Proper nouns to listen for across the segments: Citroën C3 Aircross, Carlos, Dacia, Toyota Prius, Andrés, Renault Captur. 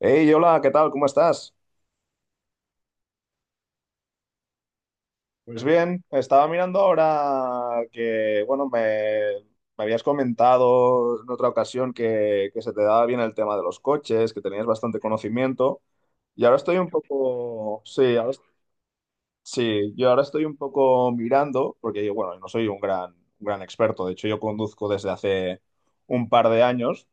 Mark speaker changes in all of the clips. Speaker 1: Hey, hola, ¿qué tal? ¿Cómo estás? Pues bien, estaba mirando ahora que, bueno, me habías comentado en otra ocasión que se te daba bien el tema de los coches, que tenías bastante conocimiento, y ahora estoy un poco, sí, ahora, sí, yo ahora estoy un poco mirando, porque yo, bueno, no soy un gran experto. De hecho yo conduzco desde hace un par de años,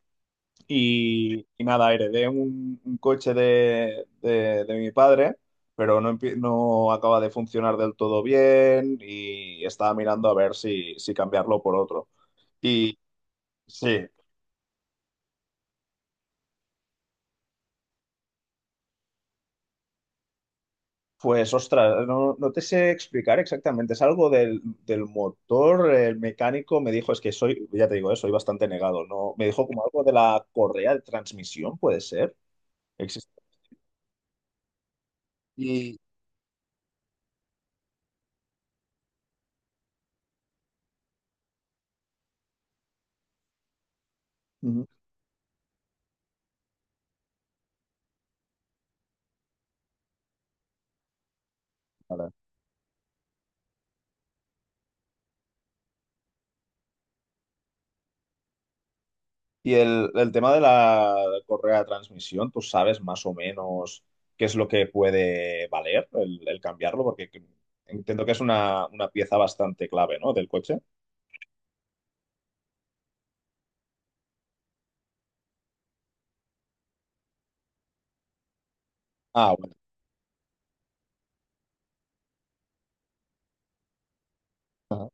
Speaker 1: y nada, heredé un coche de, de mi padre, pero no, no acaba de funcionar del todo bien y estaba mirando a ver si, si cambiarlo por otro. Y sí, pues ostras, no, no te sé explicar exactamente, es algo del, del motor. El mecánico me dijo, es que soy, ya te digo, soy bastante negado, ¿no? Me dijo como algo de la correa de transmisión, puede ser. Existe. Y... Ujú. Y el tema de la correa de transmisión, ¿tú sabes más o menos qué es lo que puede valer el cambiarlo? Entiendo que es una pieza bastante clave, ¿no? Del coche. Ah, bueno. Ajá.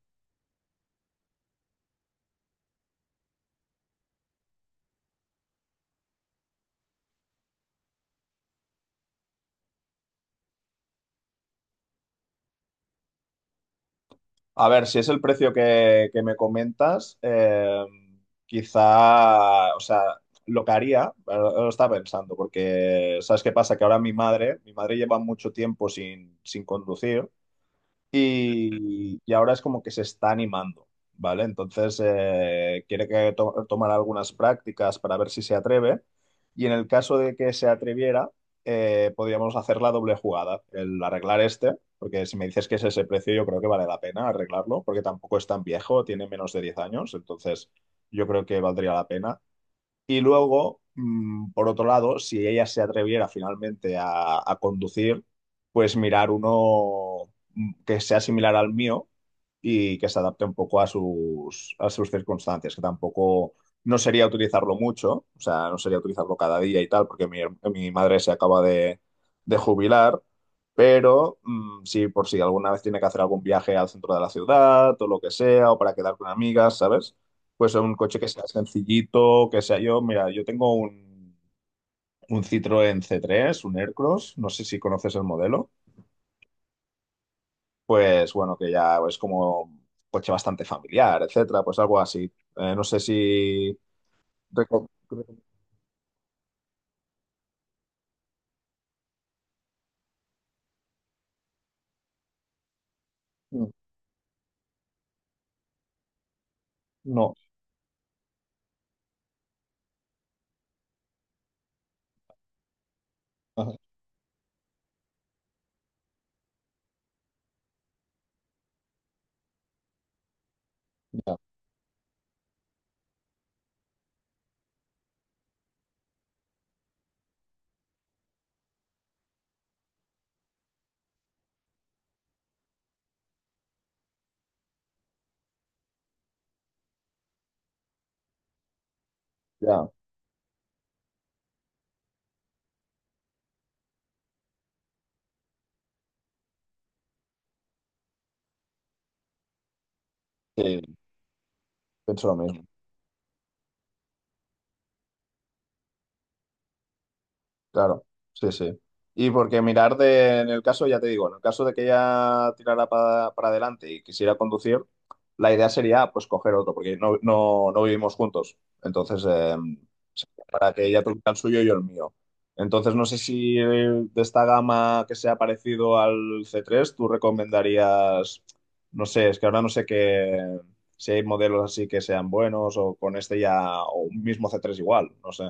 Speaker 1: A ver, si es el precio que me comentas, quizá, o sea, lo que haría, ahora lo estaba pensando, porque ¿sabes qué pasa? Que ahora mi madre lleva mucho tiempo sin, sin conducir. Y, y ahora es como que se está animando, ¿vale? Entonces quiere tomar algunas prácticas para ver si se atreve, y en el caso de que se atreviera, podríamos hacer la doble jugada, el arreglar este, porque si me dices que es ese precio, yo creo que vale la pena arreglarlo, porque tampoco es tan viejo, tiene menos de 10 años. Entonces yo creo que valdría la pena. Y luego, por otro lado, si ella se atreviera finalmente a conducir, pues mirar uno que sea similar al mío y que se adapte un poco a sus circunstancias, que tampoco no sería utilizarlo mucho, o sea, no sería utilizarlo cada día y tal, porque mi madre se acaba de jubilar, pero sí, por si alguna vez tiene que hacer algún viaje al centro de la ciudad o lo que sea, o para quedar con amigas, ¿sabes? Pues un coche que sea sencillito, que sea yo. Mira, yo tengo un Citroën C3, un Aircross, no sé si conoces el modelo. Pues bueno, que ya es como un coche bastante familiar, etcétera, pues algo así. No sé si. reco- No, ajá, ya, ya, sí, pienso lo mismo. Claro, sí, sí. Y porque mirar de, en el caso, ya te digo, en el caso de que ella tirara para adelante y quisiera conducir, la idea sería pues coger otro, porque no, no, no vivimos juntos. Entonces, para que ella tuviera el suyo y yo el mío. Entonces, no sé si de esta gama que sea parecido al c tres, tú recomendarías, no sé, es que ahora no sé qué, si hay modelos así que sean buenos o con este ya, o un mismo c tres igual, no sé.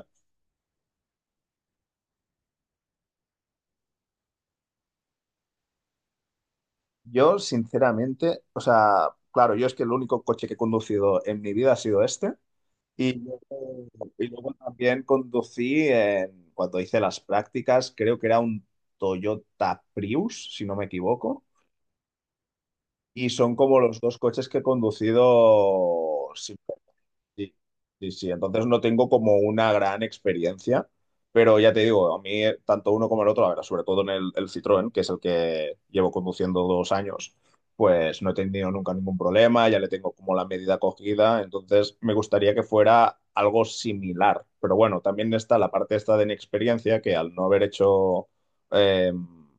Speaker 1: Yo, sinceramente, o sea, claro, yo es que el único coche que he conducido en mi vida ha sido este. Y luego, y luego también cuando hice las prácticas, creo que era un Toyota Prius, si no me equivoco. Y son como los dos coches que he conducido. Sí, sí, sí. Entonces no tengo como una gran experiencia, pero ya te digo, a mí tanto uno como el otro, a ver, sobre todo en el Citroën, que es el que llevo conduciendo dos años, pues no he tenido nunca ningún problema, ya le tengo como la medida cogida. Entonces me gustaría que fuera algo similar. Pero bueno, también está la parte esta de inexperiencia, que al no haber hecho, eh,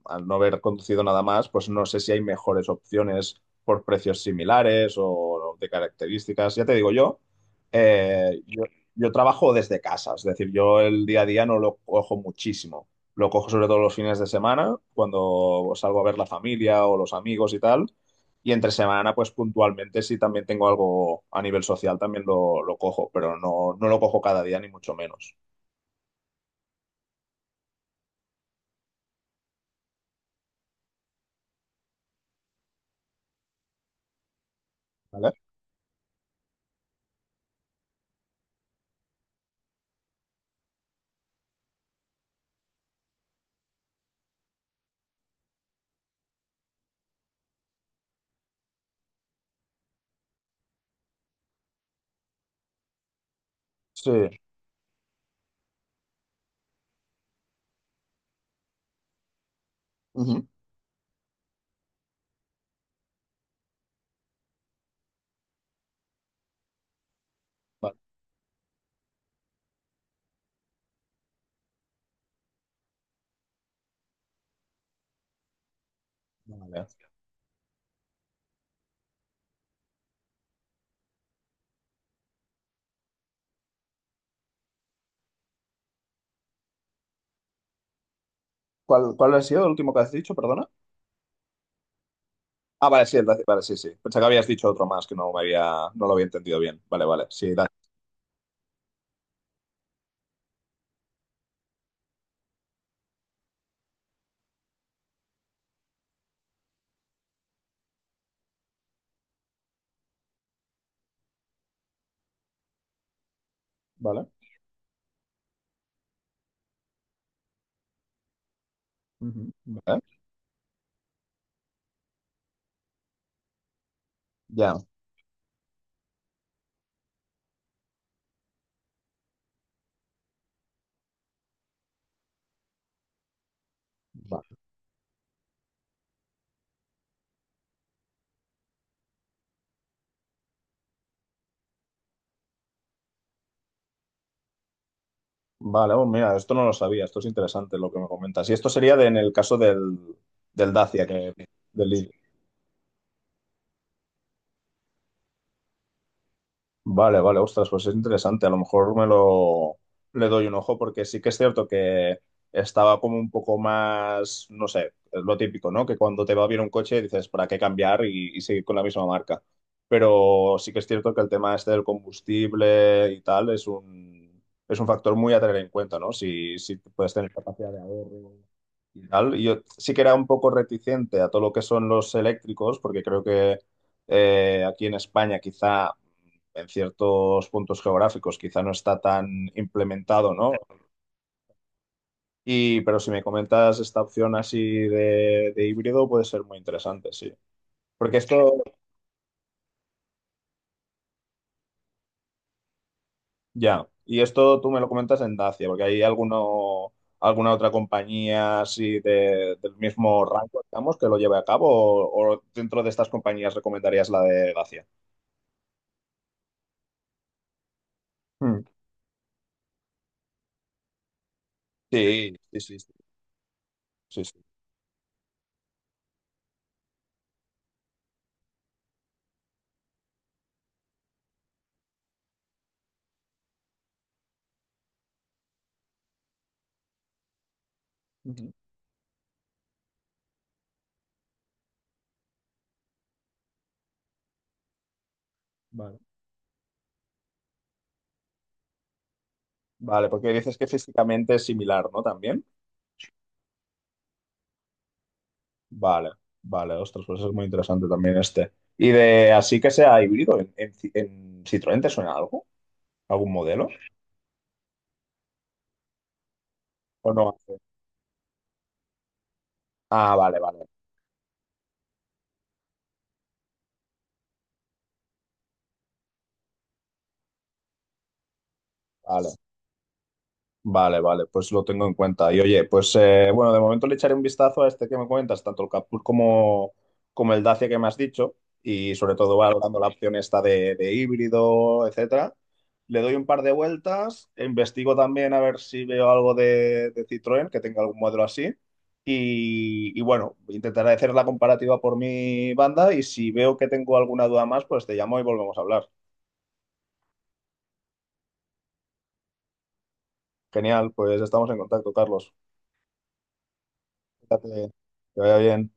Speaker 1: al no haber conducido nada más, pues no sé si hay mejores opciones por precios similares o de características. Ya te digo yo. Eh, yo, yo trabajo desde casa, es decir, yo el día a día no lo cojo muchísimo. Lo cojo sobre todo los fines de semana, cuando salgo a ver la familia o los amigos y tal. Y entre semana, pues puntualmente, si también tengo algo a nivel social, también lo cojo, pero no, no lo cojo cada día, ni mucho menos. ¿Vale? Sí. Ujú. Vale, vale. ¿Cuál, cuál ha sido el último que has dicho, perdona? Ah, vale, sí, vale, sí, sí. Pensé que habías dicho otro más que no me había, no lo había entendido bien. Vale, vale, sí, da- vale. Ujú. Vale. Ya. Va- vale, oh, mira, esto no lo sabía, esto es interesante lo que me comentas. Y esto sería en el caso del, del Dacia, que, del, vale, vale, ostras, pues es interesante. A lo mejor me lo le doy un ojo, porque sí que es cierto que estaba como un poco más, no sé, es lo típico, ¿no? Que cuando te va bien un coche dices, ¿para qué cambiar y seguir con la misma marca? Pero sí que es cierto que el tema este del combustible y tal es un factor muy a tener en cuenta, ¿no? Si, si puedes tener capacidad de ahorro y tal. Y yo sí que era un poco reticente a todo lo que son los eléctricos, porque creo que aquí en España quizá en ciertos puntos geográficos quizá no está tan implementado, ¿no? Y, pero si me comentas esta opción así de híbrido puede ser muy interesante, sí. Porque esto, ya, y esto tú me lo comentas en Dacia, porque hay alguno, alguna otra compañía así del mismo rango, digamos, que lo lleve a cabo o dentro de estas compañías recomendarías la de Dacia. Mm. Sí, sí, sí, sí, sí. Sí. Ujú. Vale. Vale, porque dices que físicamente es similar, ¿no? También. Vale, vale, ostras, pues es muy interesante también este. Y de así que sea híbrido, en, en Citroën te suena algo? ¿Algún modelo? ¿O no? Ah, vale, vale, vale. Vale, vale, pues lo tengo en cuenta. Y oye, pues bueno, de momento le echaré un vistazo a este que me comentas, tanto el captur como, como el Dacia que me has dicho, y sobre todo valorando la opción esta de híbrido, etcétera. Le doy un par de vueltas, investigo también a ver si veo algo de Citroën, que tenga algún modelo así. Y bueno, intentaré hacer la comparativa por mi banda y si veo que tengo alguna duda más, pues te llamo y volvemos a hablar. Genial, pues estamos en contacto, Carlos. Fíjate, que vaya bien.